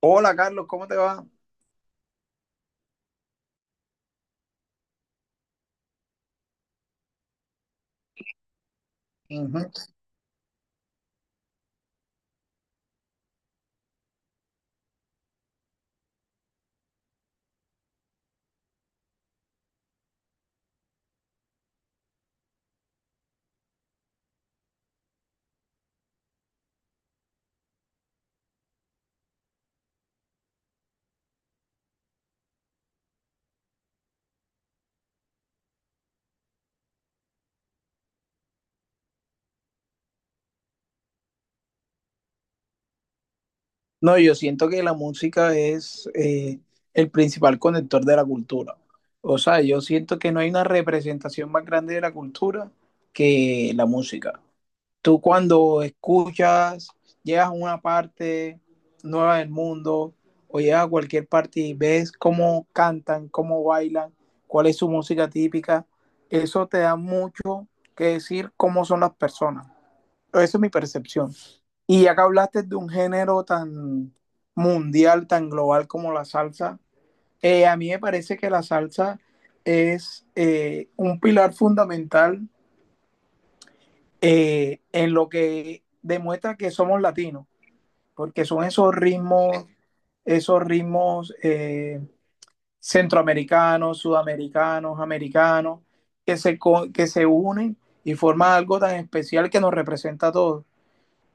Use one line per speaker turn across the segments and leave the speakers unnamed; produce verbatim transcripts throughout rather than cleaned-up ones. Hola Carlos, ¿cómo te va? Ujú. No, yo siento que la música es eh, el principal conector de la cultura. O sea, yo siento que no hay una representación más grande de la cultura que la música. Tú cuando escuchas, llegas a una parte nueva del mundo o llegas a cualquier parte y ves cómo cantan, cómo bailan, cuál es su música típica, eso te da mucho que decir cómo son las personas. Esa es mi percepción. Y acá hablaste de un género tan mundial, tan global como la salsa. Eh, a mí me parece que la salsa es eh, un pilar fundamental eh, en lo que demuestra que somos latinos, porque son esos ritmos, esos ritmos eh, centroamericanos, sudamericanos, americanos, que se, co- que se unen y forman algo tan especial que nos representa a todos.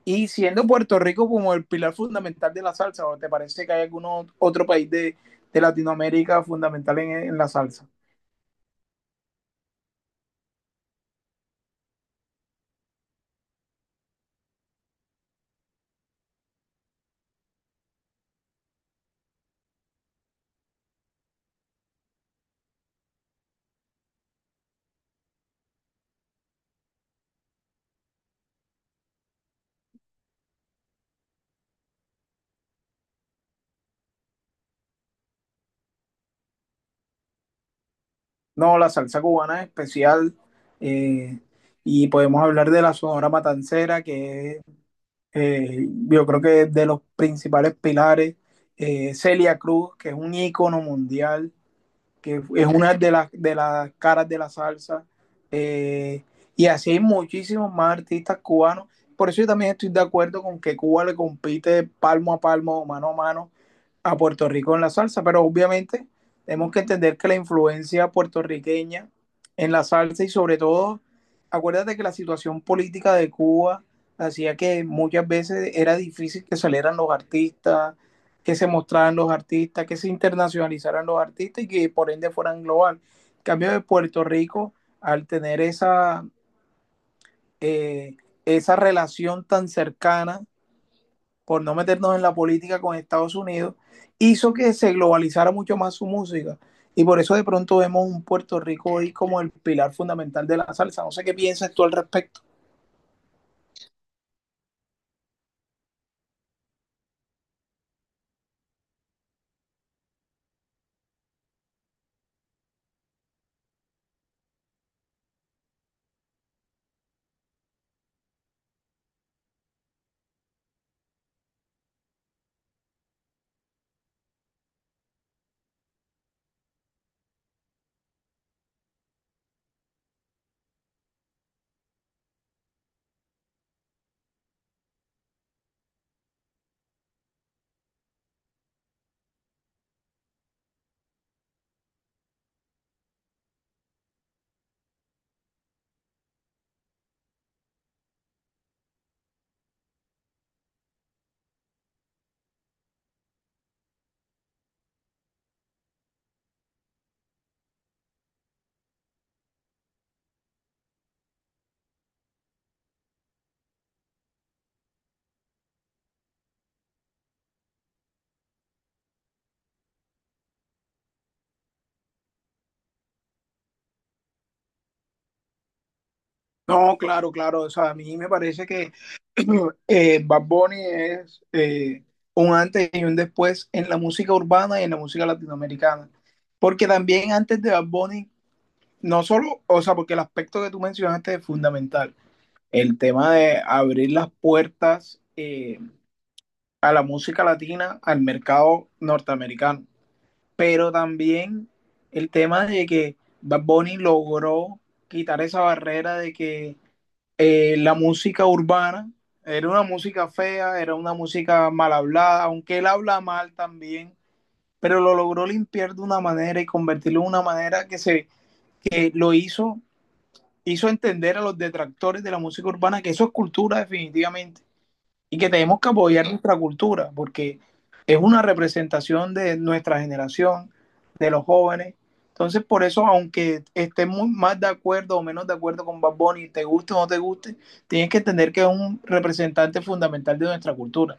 Y siendo Puerto Rico como el pilar fundamental de la salsa, ¿o te parece que hay algún otro país de, de Latinoamérica fundamental en, en, la salsa? No, la salsa cubana es especial. Eh, y podemos hablar de la Sonora Matancera, que eh, yo creo que es de los principales pilares. Eh, Celia Cruz, que es un ícono mundial, que es una de las, de las caras de la salsa. Eh, y así hay muchísimos más artistas cubanos. Por eso yo también estoy de acuerdo con que Cuba le compite palmo a palmo, mano a mano a Puerto Rico en la salsa, pero obviamente tenemos que entender que la influencia puertorriqueña en la salsa y, sobre todo, acuérdate que la situación política de Cuba hacía que muchas veces era difícil que salieran los artistas, que se mostraran los artistas, que se internacionalizaran los artistas y que por ende fueran global. En cambio, de Puerto Rico, al tener esa, eh, esa relación tan cercana, por no meternos en la política con Estados Unidos, hizo que se globalizara mucho más su música. Y por eso de pronto vemos un Puerto Rico hoy como el pilar fundamental de la salsa. No sé qué piensas tú al respecto. No, claro, claro. O sea, a mí me parece que eh, Bad Bunny es eh, un antes y un después en la música urbana y en la música latinoamericana. Porque también antes de Bad Bunny, no solo, o sea, porque el aspecto que tú mencionaste es fundamental. El tema de abrir las puertas eh, a la música latina, al mercado norteamericano. Pero también el tema de que Bad Bunny logró quitar esa barrera de que eh, la música urbana era una música fea, era una música mal hablada, aunque él habla mal también, pero lo logró limpiar de una manera y convertirlo en una manera que, se, que lo hizo, hizo entender a los detractores de la música urbana que eso es cultura definitivamente y que tenemos que apoyar nuestra cultura, porque es una representación de nuestra generación, de los jóvenes. Entonces, por eso, aunque estés muy más de acuerdo o menos de acuerdo con Bad Bunny, te guste o no te guste, tienes que entender que es un representante fundamental de nuestra cultura.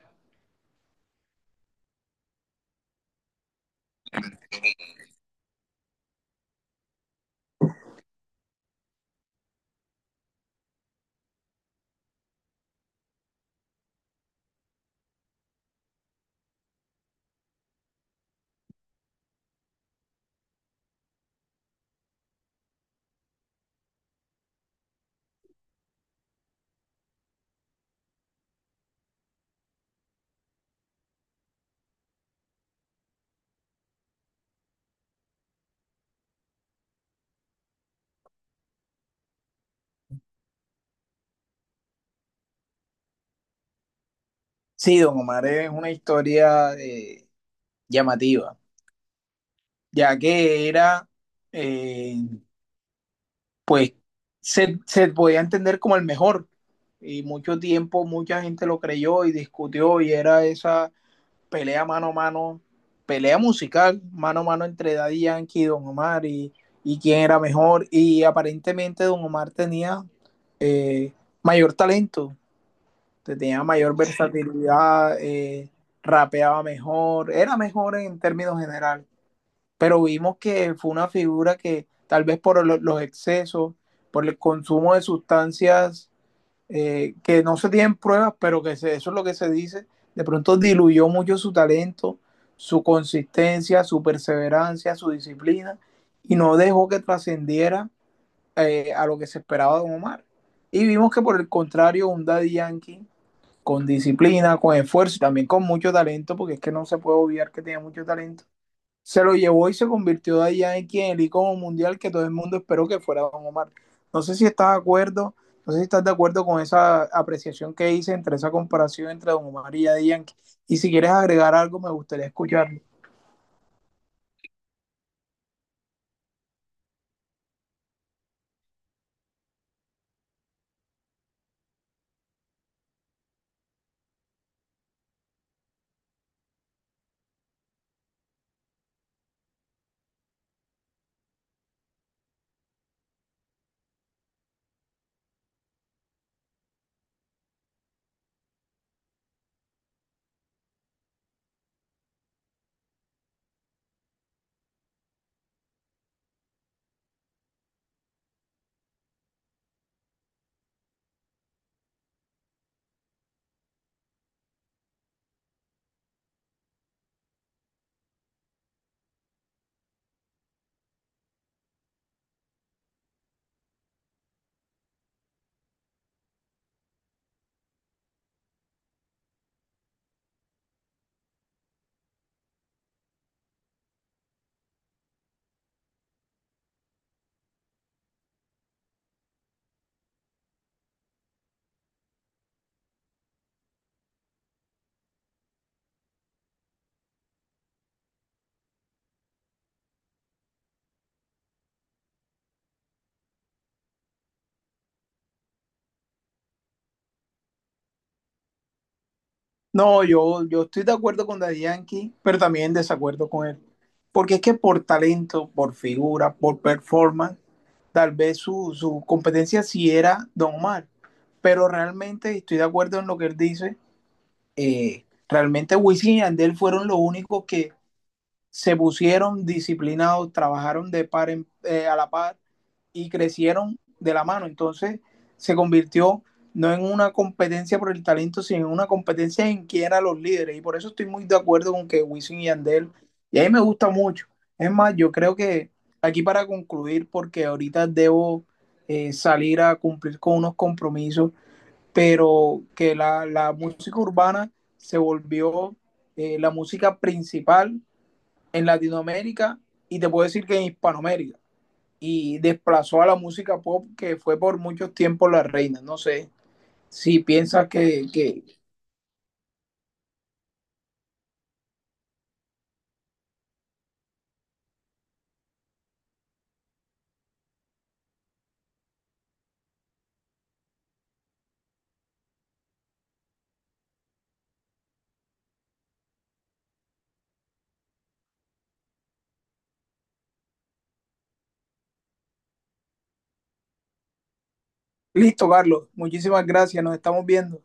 Sí, Don Omar es una historia eh, llamativa, ya que era, eh, pues, se, se podía entender como el mejor, y mucho tiempo mucha gente lo creyó y discutió y era esa pelea mano a mano, pelea musical mano a mano entre Daddy Yankee y Don Omar, y, y quién era mejor. Y aparentemente Don Omar tenía eh, mayor talento, tenía mayor versatilidad, eh, rapeaba mejor, era mejor en términos generales. Pero vimos que fue una figura que tal vez por los excesos, por el consumo de sustancias eh, que no se tienen pruebas, pero que se, eso es lo que se dice, de pronto diluyó mucho su talento, su consistencia, su perseverancia, su disciplina, y no dejó que trascendiera eh, a lo que se esperaba de Don Omar. Y vimos que, por el contrario, un Daddy Yankee con disciplina, con esfuerzo y también con mucho talento, porque es que no se puede obviar que tenía mucho talento, se lo llevó y se convirtió de allá en quien el icono mundial que todo el mundo esperó que fuera Don Omar. No sé si estás de acuerdo, no sé si estás de acuerdo con esa apreciación que hice entre esa comparación entre Don Omar y Daddy Yankee. Y si quieres agregar algo, me gustaría escucharlo. No, yo, yo estoy de acuerdo con Daddy Yankee, pero también en desacuerdo con él. Porque es que por talento, por figura, por performance, tal vez su, su competencia sí era Don Omar. Pero realmente estoy de acuerdo en lo que él dice. Eh, realmente Wisin y Andel fueron los únicos que se pusieron disciplinados, trabajaron de par en, eh, a la par, y crecieron de la mano. Entonces se convirtió no en una competencia por el talento, sino en una competencia en quién eran los líderes. Y por eso estoy muy de acuerdo con que Wisin y Andel, y a mí me gusta mucho. Es más, yo creo que aquí para concluir, porque ahorita debo eh, salir a cumplir con unos compromisos, pero que la, la música urbana se volvió eh, la música principal en Latinoamérica, y te puedo decir que en Hispanoamérica, y desplazó a la música pop, que fue por muchos tiempos la reina. No sé si piensas que, que... Listo, Carlos. Muchísimas gracias. Nos estamos viendo.